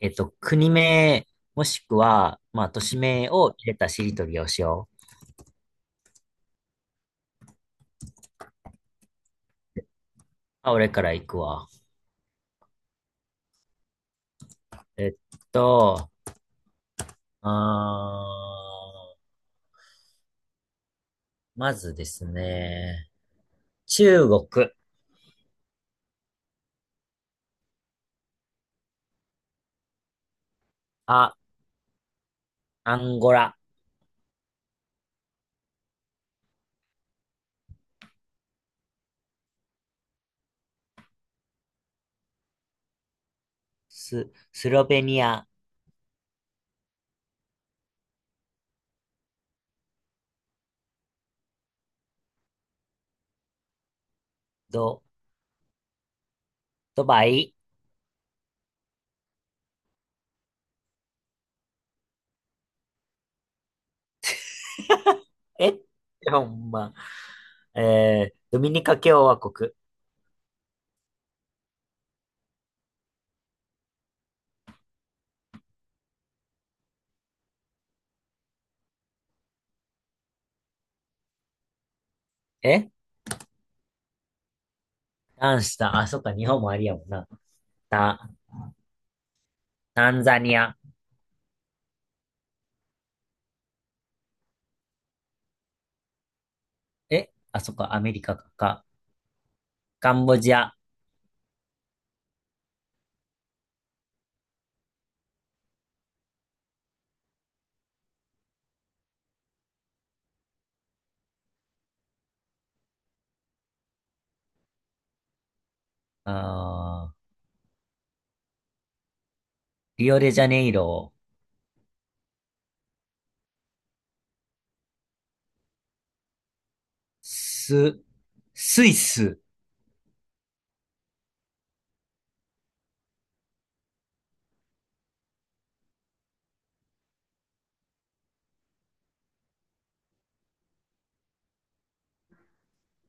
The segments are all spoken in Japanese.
国名、もしくは、まあ、都市名を入れたしりとりをしよう。あ、俺から行くわ。えっと、あー、まずですね、中国。あ、アンゴラ。スロベニア。ド、ドバイ。え、ほんま、ドミニカ共和国。え、何した？あ、そっか、日本もありやもんな。タ、タンザニア。あ、そっか、アメリカか。カンボジア。あー、リオデジャネイロ。ス、スイス。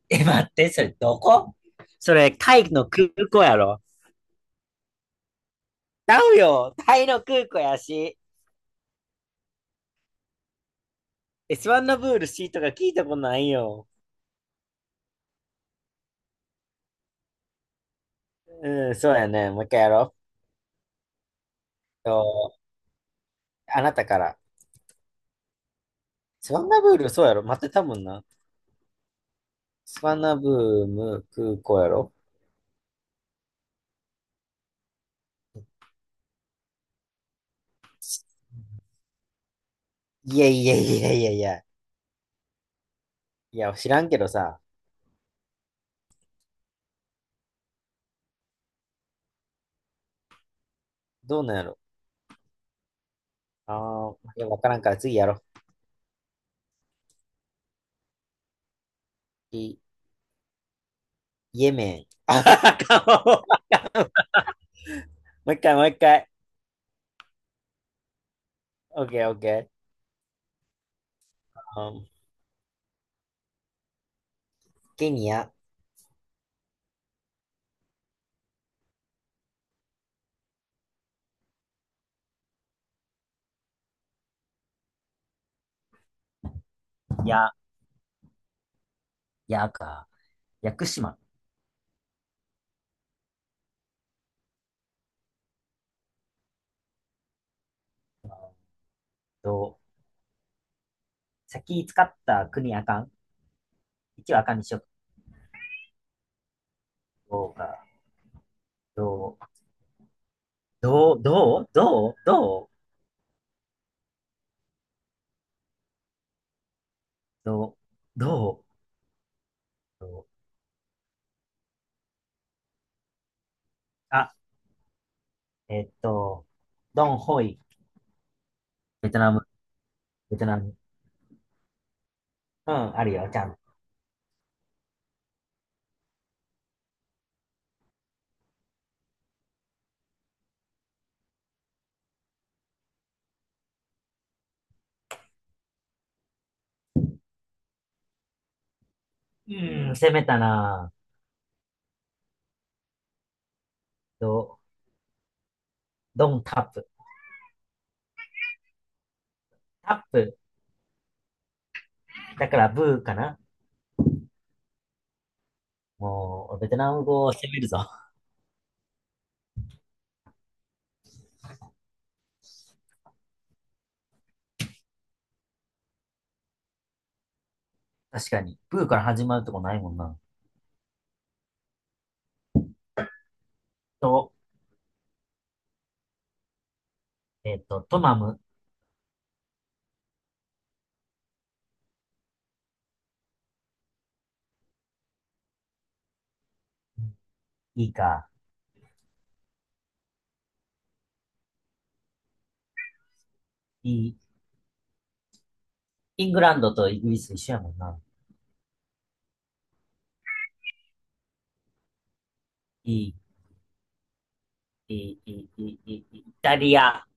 待って、それどこ？それ、タイの空港やろ。ちゃうよ。タイの空港やし。エスワンのブールシーか聞いたことないよ。うん、そうやね。もう一回やろう。あなたから。スワンナブール、そうやろ。待ってたもんな。スワンナブーム空港やろ。いやいやいやいやいや。いや、知らんけどさ。どうなんやろ。ああ、いや、わからんから次やろう。いいイエメン。あ もう一回、もう一回。オッケー、オッケー。ケニア。や、やか。屋久島。どう？先使った国あかん。一はあかんにしよう。どうか。どう、どう、どう、どう、どう、どう、どう、あ、えっと、ドンホイ。ベトナム、ベトナム。うん、あるよ、ちゃんうん、攻めたなぁ。ど、ドンタップ。タップ。だからブーかな。もう、ベトナム語を攻めるぞ。確かに。プーから始まるとこないもんな。と、えっと、トマム。いいか。いい。イングランドとイギリス一緒やもんな。いい、いい、イタリア。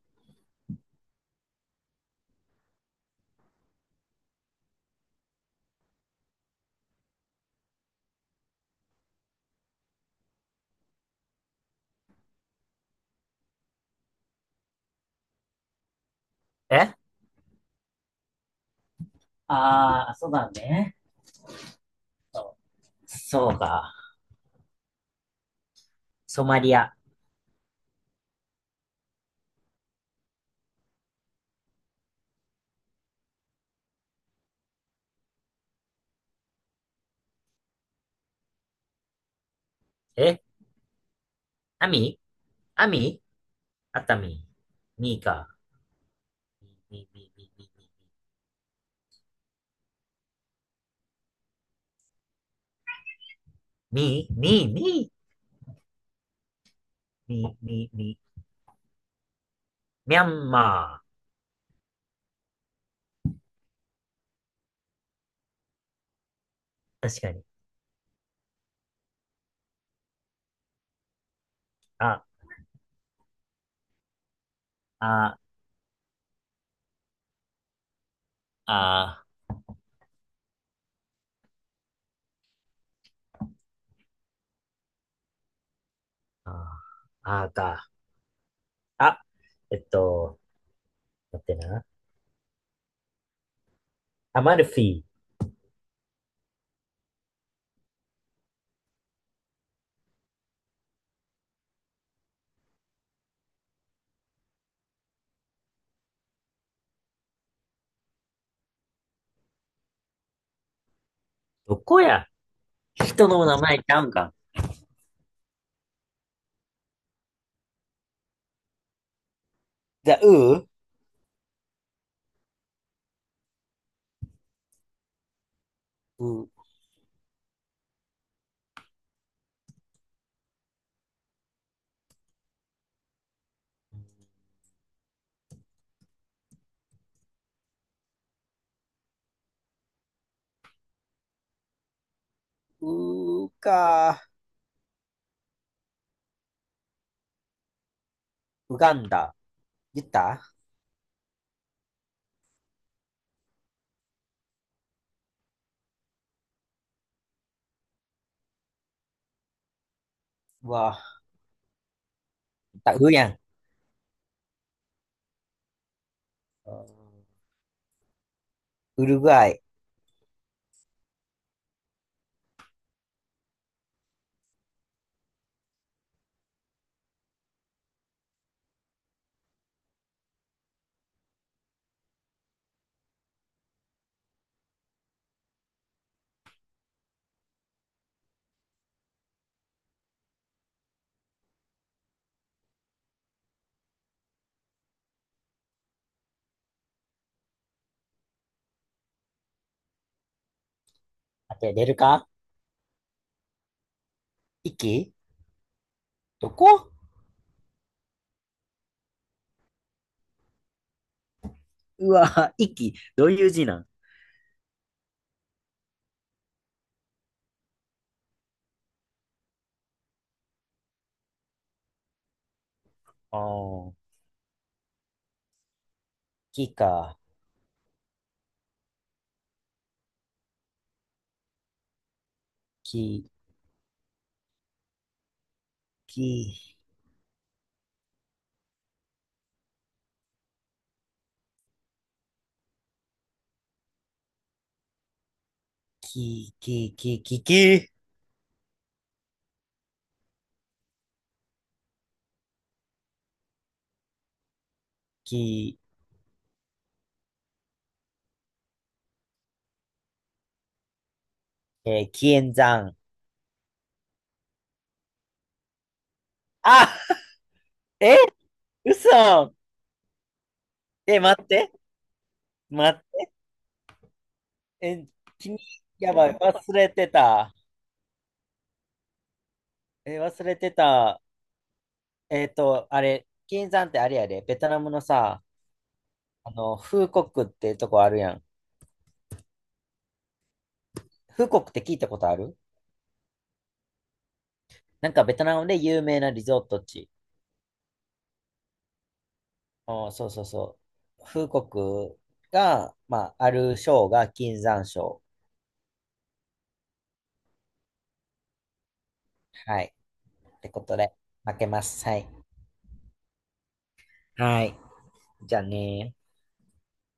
えあー、そうだね。そうか。ソマリア。えアミアミ、熱海。ミーか。ミー、ミー、ミー、ミー、ミー、ミー、ミー、ミー、ミー、ミー、ミャンマー。確かに。あ、あ、あ、あ、あーか。あ、えっと、待ってな。アマルフィ。どこや？人の名前ちゃうんか？じゃあ、ウーウー、ウーか、ウガンダ。言った？うわ、言ったウーやん。ウルグアイ。当てれるか？イキ？どこ？うわ、息、どういう字なん？あー、キか。キ、キ、キ、キ、キ、キ、キ、キ、えー、キエンザン。あ、え、嘘。待って、待って。君、やばい、忘れてた。忘れてた。あれ、金山ってあれやで、ベトナムのさ、あの、フーコックってとこあるやん。フーコックって聞いたことある？なんかベトナムで有名なリゾート地。あー、そうそうそう。フーコックが、まあ、ある賞が金山賞。はい。ってことで、負けます。はい。はい。じゃあね